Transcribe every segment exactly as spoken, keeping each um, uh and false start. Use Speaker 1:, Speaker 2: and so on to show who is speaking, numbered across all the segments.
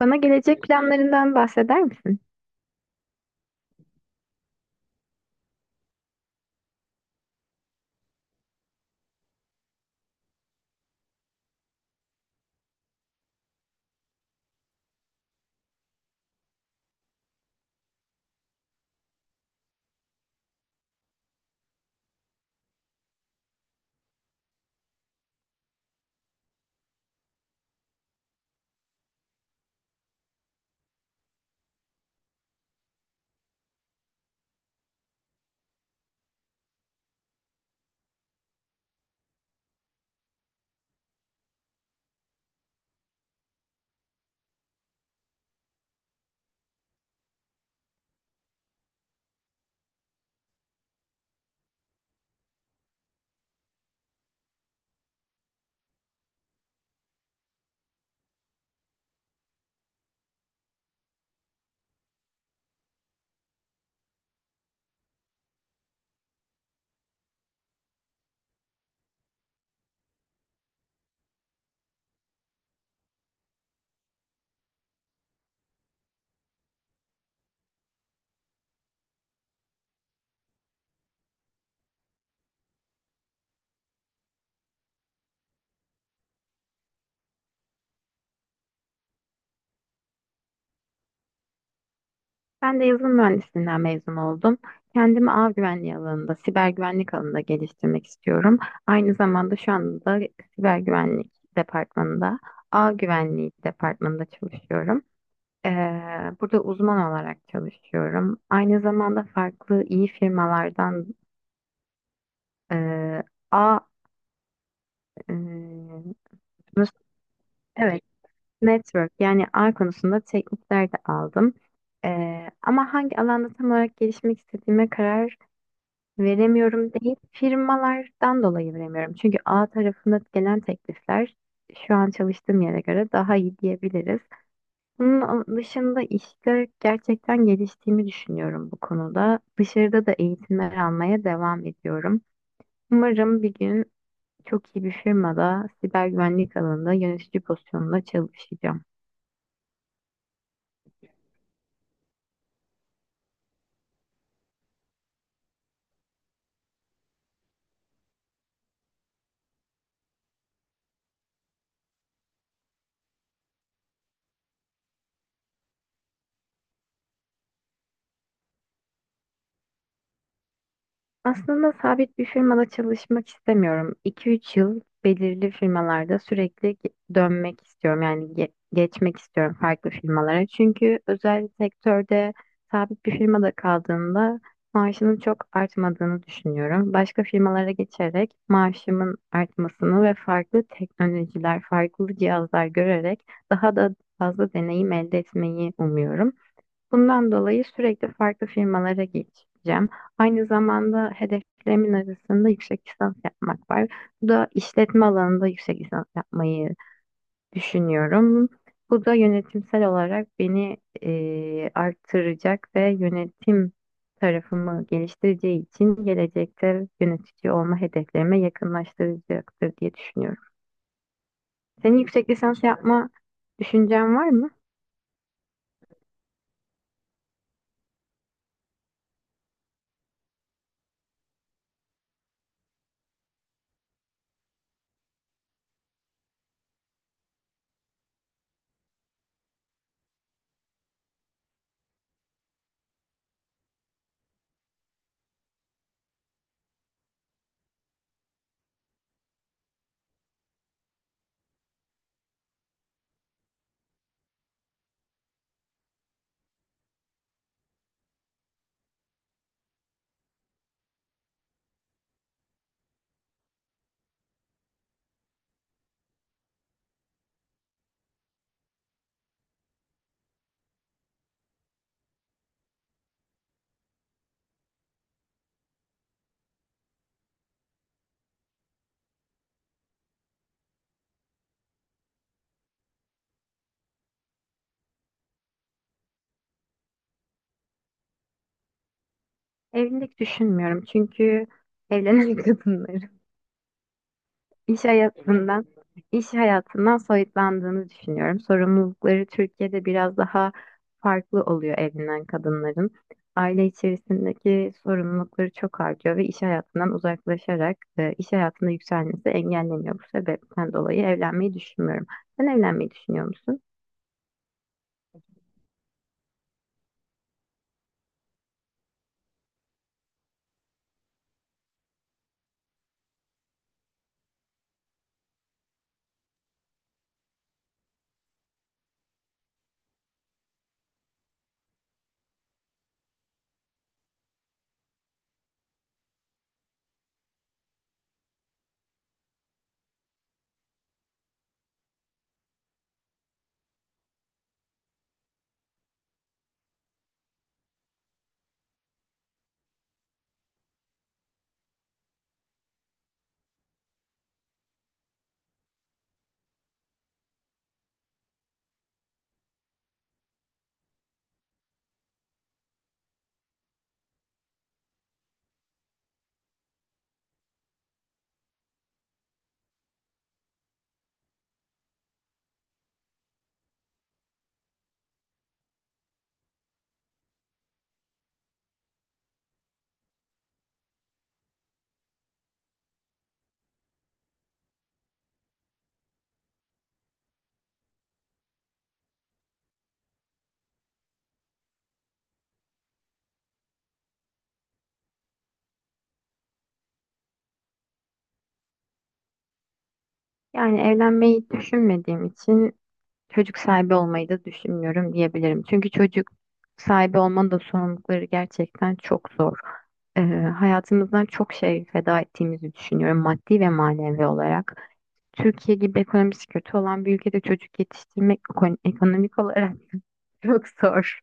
Speaker 1: Bana gelecek planlarından bahseder misin? Ben de yazılım mühendisliğinden mezun oldum. Kendimi ağ güvenliği alanında, siber güvenlik alanında geliştirmek istiyorum. Aynı zamanda şu anda siber güvenlik departmanında, ağ güvenliği departmanında çalışıyorum. Ee, burada uzman olarak çalışıyorum. Aynı zamanda farklı iyi firmalardan e, ağ, e, evet. Network yani ağ konusunda teknikler de aldım. Ee, ama hangi alanda tam olarak gelişmek istediğime karar veremiyorum değil, firmalardan dolayı veremiyorum. Çünkü ağ tarafında gelen teklifler şu an çalıştığım yere göre daha iyi diyebiliriz. Bunun dışında işte gerçekten geliştiğimi düşünüyorum bu konuda. Dışarıda da eğitimler almaya devam ediyorum. Umarım bir gün çok iyi bir firmada siber güvenlik alanında yönetici pozisyonunda çalışacağım. Aslında sabit bir firmada çalışmak istemiyorum. iki üç yıl belirli firmalarda sürekli ge- dönmek istiyorum. Yani ge- geçmek istiyorum farklı firmalara. Çünkü özel sektörde sabit bir firmada kaldığımda maaşının çok artmadığını düşünüyorum. Başka firmalara geçerek maaşımın artmasını ve farklı teknolojiler, farklı cihazlar görerek daha da fazla deneyim elde etmeyi umuyorum. Bundan dolayı sürekli farklı firmalara geçeceğim. Aynı zamanda hedeflerimin arasında yüksek lisans yapmak var. Bu da işletme alanında yüksek lisans yapmayı düşünüyorum. Bu da yönetimsel olarak beni eee, arttıracak ve yönetim tarafımı geliştireceği için gelecekte yönetici olma hedeflerime yakınlaştıracaktır diye düşünüyorum. Senin yüksek lisans yapma düşüncen var mı? Evlilik düşünmüyorum çünkü evlenen kadınları. İş Evet. hayatından, iş hayatından soyutlandığını düşünüyorum. Sorumlulukları Türkiye'de biraz daha farklı oluyor evlenen kadınların. Aile içerisindeki sorumlulukları çok artıyor ve iş hayatından uzaklaşarak e, iş hayatında yükselmesi engelleniyor. Bu sebepten dolayı evlenmeyi düşünmüyorum. Sen evlenmeyi düşünüyor musun? Yani evlenmeyi düşünmediğim için çocuk sahibi olmayı da düşünmüyorum diyebilirim. Çünkü çocuk sahibi olmanın da sorumlulukları gerçekten çok zor. Ee, hayatımızdan çok şey feda ettiğimizi düşünüyorum maddi ve manevi olarak. Türkiye gibi ekonomisi kötü olan bir ülkede çocuk yetiştirmek ekon- ekonomik olarak çok zor.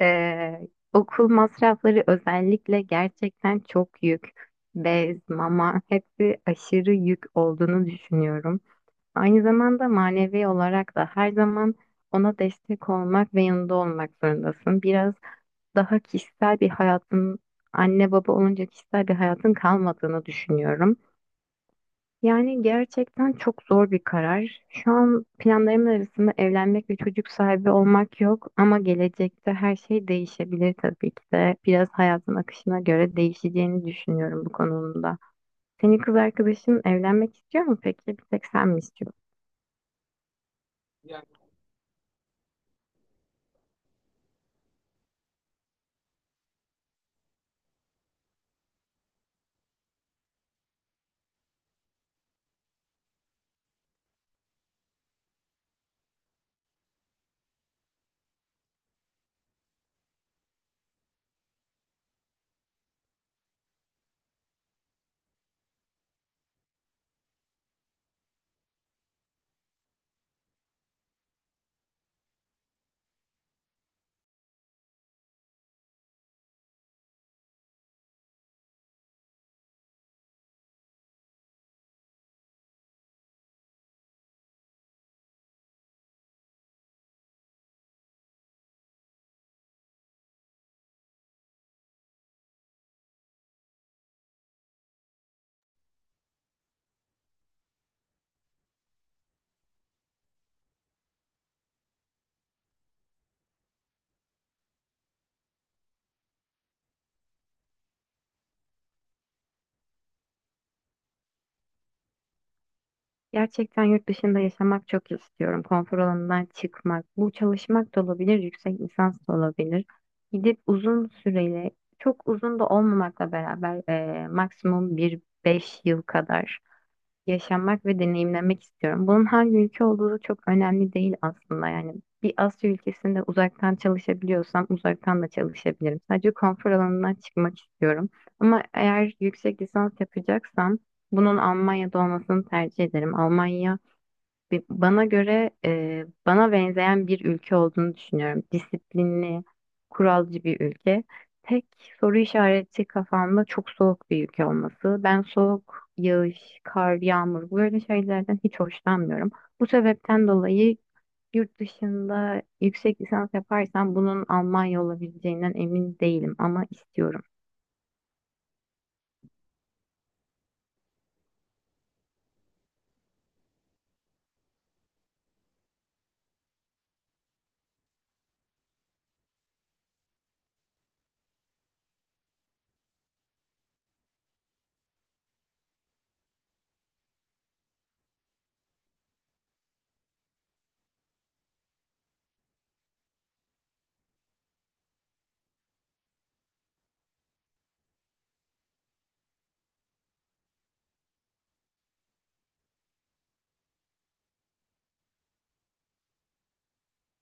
Speaker 1: Ee, okul masrafları özellikle gerçekten çok yük. Bez, mama hepsi aşırı yük olduğunu düşünüyorum. Aynı zamanda manevi olarak da her zaman ona destek olmak ve yanında olmak zorundasın. Biraz daha kişisel bir hayatın, anne baba olunca kişisel bir hayatın kalmadığını düşünüyorum. Yani gerçekten çok zor bir karar. Şu an planlarımın arasında evlenmek ve çocuk sahibi olmak yok ama gelecekte her şey değişebilir tabii ki de. Biraz hayatın akışına göre değişeceğini düşünüyorum bu konuda. Senin kız arkadaşın evlenmek istiyor mu peki? Bir tek sen mi istiyorsun? Gerçekten yurt dışında yaşamak çok istiyorum. Konfor alanından çıkmak. Bu çalışmak da olabilir, yüksek lisans da olabilir. Gidip uzun süreli, çok uzun da olmamakla beraber eee, maksimum bir beş yıl kadar yaşamak ve deneyimlemek istiyorum. Bunun hangi ülke olduğu da çok önemli değil aslında. Yani bir Asya ülkesinde uzaktan çalışabiliyorsam uzaktan da çalışabilirim. Sadece konfor alanından çıkmak istiyorum. Ama eğer yüksek lisans yapacaksam bunun Almanya'da olmasını tercih ederim. Almanya Bi- Bana göre e, bana benzeyen bir ülke olduğunu düşünüyorum. Disiplinli, kuralcı bir ülke. Tek soru işareti kafamda çok soğuk bir ülke olması. Ben soğuk, yağış, kar, yağmur böyle şeylerden hiç hoşlanmıyorum. Bu sebepten dolayı yurt dışında yüksek lisans yaparsam bunun Almanya olabileceğinden emin değilim ama istiyorum.